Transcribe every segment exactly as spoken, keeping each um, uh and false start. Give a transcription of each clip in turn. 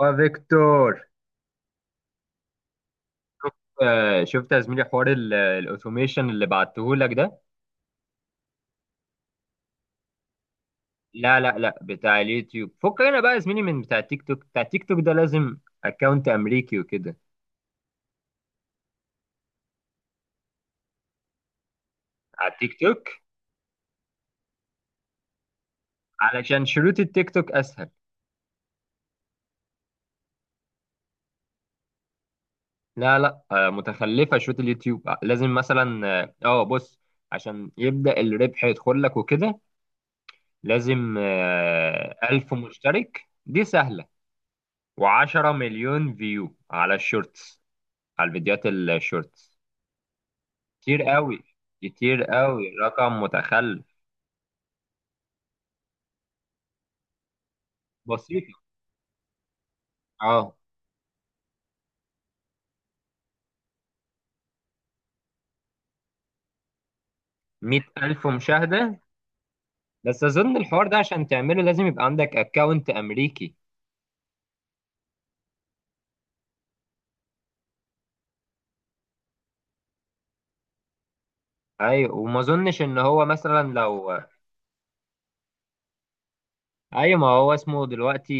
وفيكتور، شفت. آه، شفت يا زميلي حوار ال- الاوتوميشن اللي بعته لك ده. لا، لا، لا، بتاع اليوتيوب. فكنا بقى يا زميلي من بتاع التيك توك، بتاع التيك توك ده لازم اكونت امريكي وكده. على التيك توك، علشان شروط التيك توك اسهل. لا، لا، آه، متخلفه شروط اليوتيوب. آه، لازم مثلا، اه آه، بص. عشان يبدا الربح يدخل لك وكده لازم آه، ألف مشترك، دي سهله. و10 مليون فيو على الشورتس، على الفيديوهات الشورتس. كتير قوي، كتير قوي، رقم متخلف. بسيطة. اه. مية ألف مشاهدة. بس أظن الحوار ده عشان تعمله لازم يبقى عندك أكاونت أمريكي. أيوة، وما أظنش إن هو مثلا لو... أيوة، ما هو اسمه دلوقتي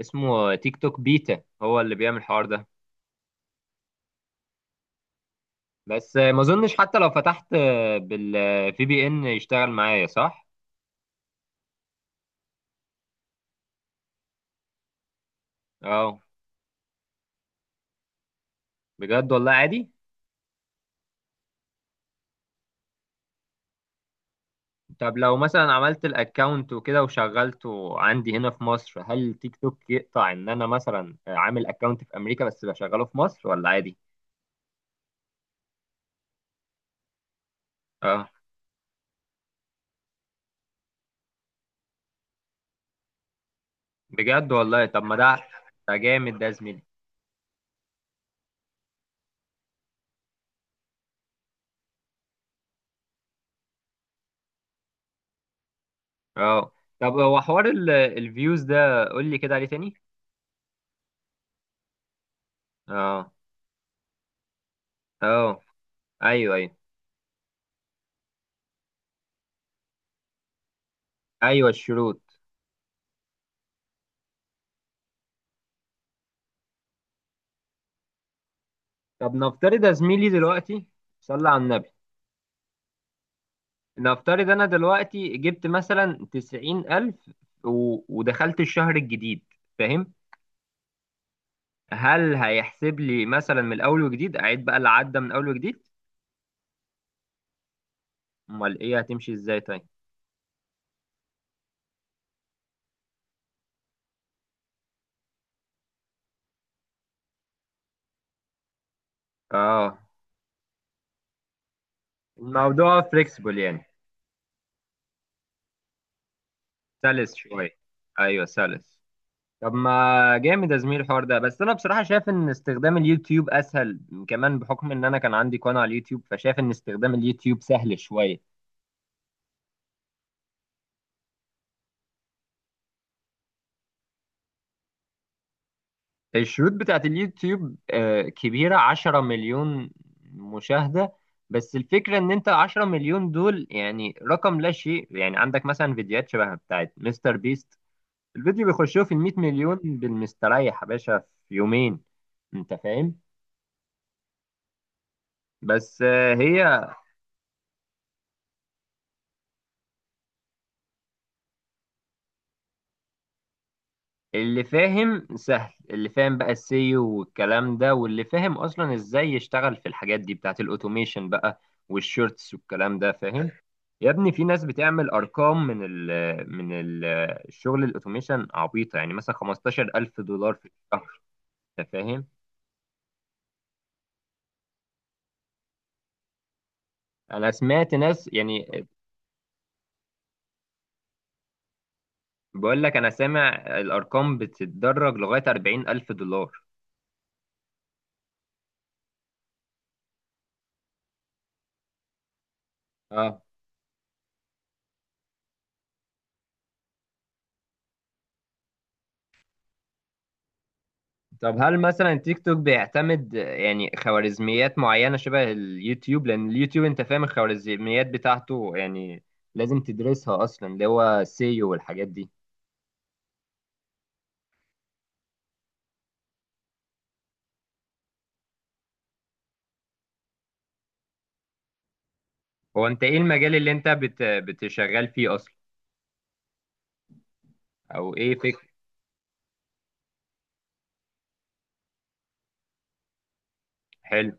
اسمه تيك توك بيتا هو اللي بيعمل الحوار ده. بس ما أظنش حتى لو فتحت، بال في بي إن يشتغل معايا، صح؟ اه. بجد والله، عادي. طب لو مثلا عملت الاكونت وكده وشغلته عندي هنا في مصر، هل تيك توك يقطع ان انا مثلا عامل اكونت في امريكا بس بشغله في مصر، ولا عادي؟ اه، بجد والله، طب ما ده، ده جامد ده يا زميلي. اه. طب هو حوار ال- الفيوز ده قول لي كده عليه تاني. اه، اه، ايوه، ايوه، ايوه، الشروط. طب نفترض يا زميلي دلوقتي. صلى على النبي. نفترض انا دلوقتي جبت مثلا تسعين ألف، و... ودخلت الشهر الجديد، فاهم؟ هل هيحسب لي مثلا من الاول وجديد، اعيد بقى اللي عدى من اول وجديد؟ امال ايه، هتمشي ازاي طيب؟ اه. الموضوع فليكسبل يعني، سلس شويه. ايوه سلس. طب ما جامد يا زميلي الحوار ده، بس انا بصراحه شايف ان استخدام اليوتيوب اسهل. كمان بحكم ان انا كان عندي قناه على اليوتيوب، فشايف ان استخدام اليوتيوب سهل شويه. الشروط بتاعت اليوتيوب آه، كبيرة، عشرة مليون مشاهدة. بس الفكرة ان انت عشرة مليون دول يعني رقم لا شيء يعني، عندك مثلا فيديوهات شبه بتاعت مستر بيست. الفيديو بيخشوه في المية مليون بالمستريح يا باشا، في يومين. انت فاهم؟ بس آه، هي اللي فاهم سهل، اللي فاهم بقى السيو والكلام ده، واللي فاهم اصلا ازاي يشتغل في الحاجات دي بتاعت الاوتوميشن بقى، والشورتس والكلام ده، فاهم. يا ابني، في ناس بتعمل ارقام من ال من ال الشغل الاوتوميشن عبيطه، يعني مثلا خمستاشر ألف دولار في الشهر. انت فاهم؟ انا سمعت ناس يعني، بقول لك انا سامع الارقام بتتدرج لغايه أربعين ألف دولار. اه. طب هل مثلا تيك توك بيعتمد يعني خوارزميات معينة شبه اليوتيوب؟ لأن اليوتيوب أنت فاهم الخوارزميات بتاعته، يعني لازم تدرسها أصلا، اللي هو سيو والحاجات دي. هو أنت إيه المجال اللي أنت بت... بتشغل فيه أصلا؟ أو إيه فكرة؟ حلو.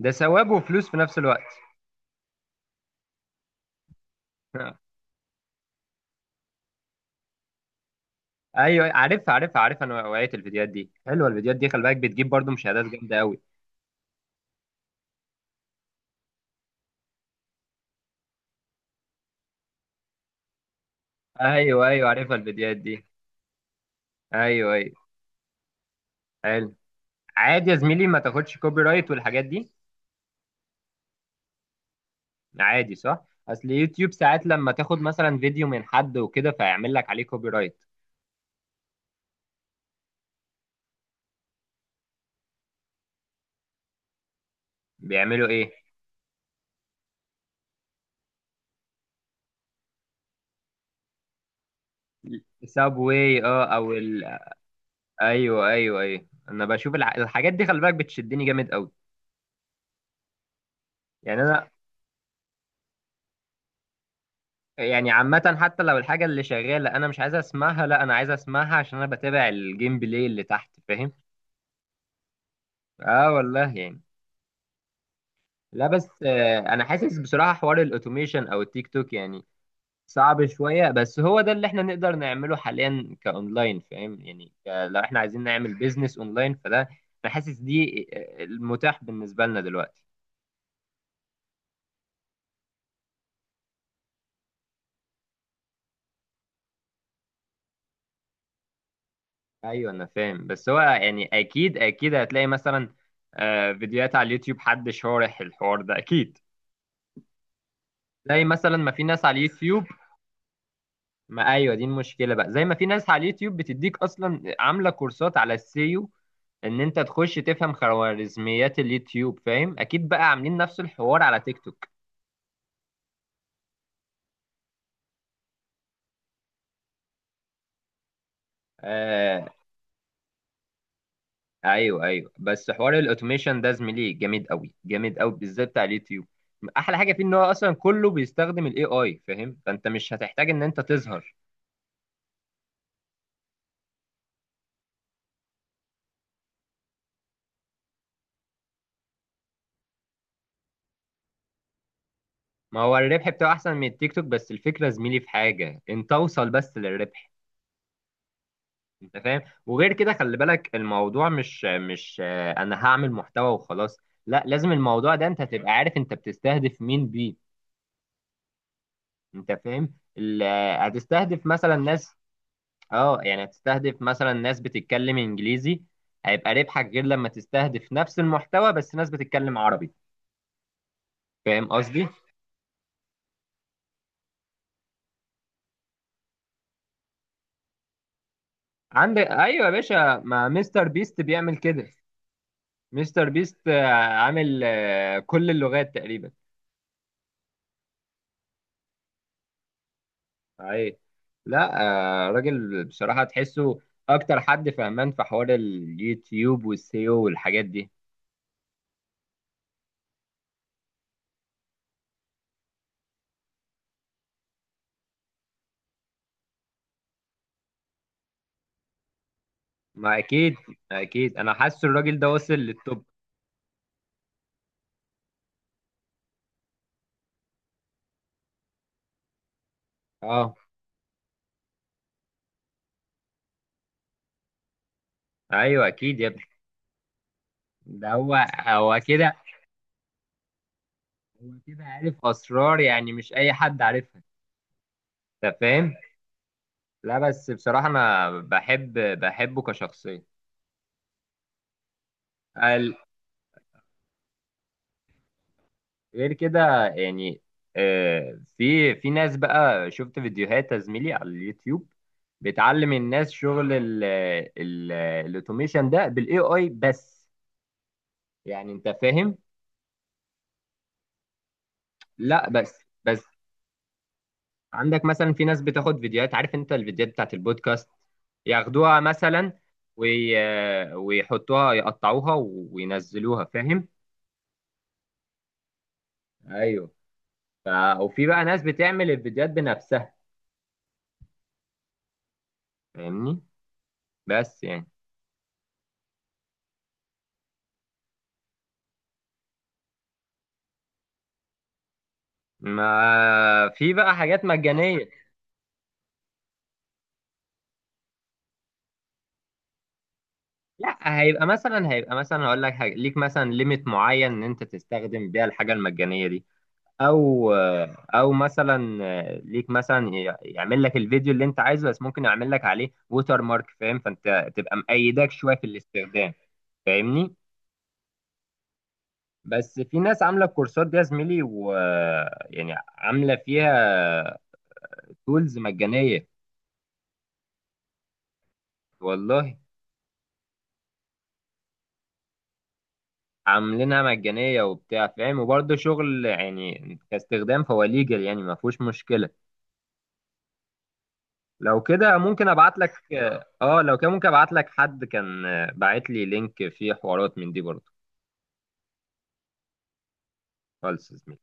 ده ثواب وفلوس في نفس الوقت. أيوه عارف، عارف، عارف، أنا وقعت الفيديوهات دي. حلوة الفيديوهات دي، خلي بالك بتجيب برضو مشاهدات جامدة أوي. أيوه، أيوه، عارفها الفيديوهات دي. أيوه، أيوه. حلو. عادي يا زميلي، ما تاخدش كوبي رايت والحاجات دي. عادي صح، اصل يوتيوب ساعات لما تاخد مثلا فيديو من حد وكده فيعمل لك عليه كوبي رايت. بيعملوا ايه؟ سابواي، اه، او ال... ايوه، ايوه، ايوه. انا بشوف الح... الحاجات دي، خلي بالك بتشدني جامد قوي. يعني انا، يعني عامه، حتى لو الحاجه اللي شغاله انا مش عايز اسمعها، لا انا عايز اسمعها عشان انا بتابع الجيم بلاي اللي تحت، فاهم؟ اه والله يعني. لا بس آه، انا حاسس بصراحه حوار الاوتوميشن او التيك توك يعني صعب شوية، بس هو ده اللي احنا نقدر نعمله حاليا كأونلاين، فاهم يعني. ك- لو احنا عايزين نعمل بيزنس أونلاين فده، أنا حاسس دي آه، المتاح بالنسبة لنا دلوقتي. أيوة أنا فاهم، بس هو يعني أكيد، أكيد هتلاقي مثلا آه، فيديوهات على اليوتيوب حد شارح الحوار ده أكيد. زي مثلا ما في ناس على اليوتيوب. ما أيوة، دي المشكلة بقى. زي ما في ناس على اليوتيوب بتديك أصلا عاملة كورسات على السيو، ان انت تخش تفهم خوارزميات اليوتيوب، فاهم. اكيد بقى عاملين نفس الحوار على تيك توك. آه، ايوه، ايوه. بس حوار الاوتوميشن ده زميلي جامد قوي، جامد قوي، بالذات بتاع اليوتيوب. احلى حاجه فيه ان هو اصلا كله بيستخدم الاي اي، فاهم؟ فانت مش هتحتاج ان انت تظهر. ما هو الربح بتاعه احسن من التيك توك، بس الفكره زميلي في حاجه، انت اوصل بس للربح. انت فاهم؟ وغير كده خلي بالك الموضوع مش مش، آه، انا هعمل محتوى وخلاص. لا، لازم الموضوع ده انت تبقى عارف انت بتستهدف مين بيه. انت فاهم، ال- آه، هتستهدف مثلا ناس. اه، يعني هتستهدف مثلا ناس بتتكلم انجليزي، هيبقى ربحك غير لما تستهدف نفس المحتوى بس ناس بتتكلم عربي. فاهم قصدي؟ عندك، ايوه يا باشا، ما مستر بيست بيعمل كده. مستر بيست آه، عامل آه، كل اللغات تقريبا. اي، لا، آه، راجل بصراحة تحسه اكتر حد فهمان في حوار اليوتيوب والسيو والحاجات دي. ما اكيد، اكيد انا حاسس الراجل ده وصل للتوب. اه، ايوه، اكيد يا ابني. ده هو، هو كده. هو كده عارف اسرار يعني مش اي حد عارفها. انت فاهم؟ لا بس بصراحه انا بحب بحبه كشخصيه. ال- غير كده يعني. آه، في في ناس بقى شفت فيديوهات يا زميلي على اليوتيوب بتعلم الناس شغل ال ال الاوتوميشن ده بالاي اي بس، يعني انت فاهم. لا بس، بس عندك مثلا في ناس بتاخد فيديوهات، عارف انت الفيديوهات بتاعت البودكاست، ياخدوها مثلا وي... ويحطوها يقطعوها وينزلوها، فاهم. ايوه. ف... وفي بقى ناس بتعمل الفيديوهات بنفسها، فاهمني؟ بس يعني ما في بقى حاجات مجانية. لا، هيبقى مثلا هيبقى مثلا هقول لك حاجة، ليك مثلا ليميت معين ان انت تستخدم بيها الحاجة المجانية دي، او، او مثلا ليك مثلا يعمل لك الفيديو اللي انت عايزه، بس ممكن يعمل لك عليه ووتر مارك، فاهم؟ فانت تبقى مأيدك شويه في الاستخدام، فاهمني. بس في ناس عامله الكورسات دي يا زميلي و، يعني عامله فيها تولز مجانيه، والله. عاملينها مجانيه وبتاع، فاهم، وبرده شغل يعني كاستخدام فهو ليجل، يعني ما فيهوش مشكله. لو كده ممكن ابعت لك. اه، لو كده ممكن ابعت لك، حد كان باعت لي لينك فيه حوارات من دي برضه. خالص يا زميلي.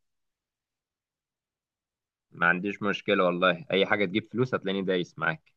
ما عنديش مشكلة والله، أي حاجة تجيب فلوس هتلاقيني دايس معاك.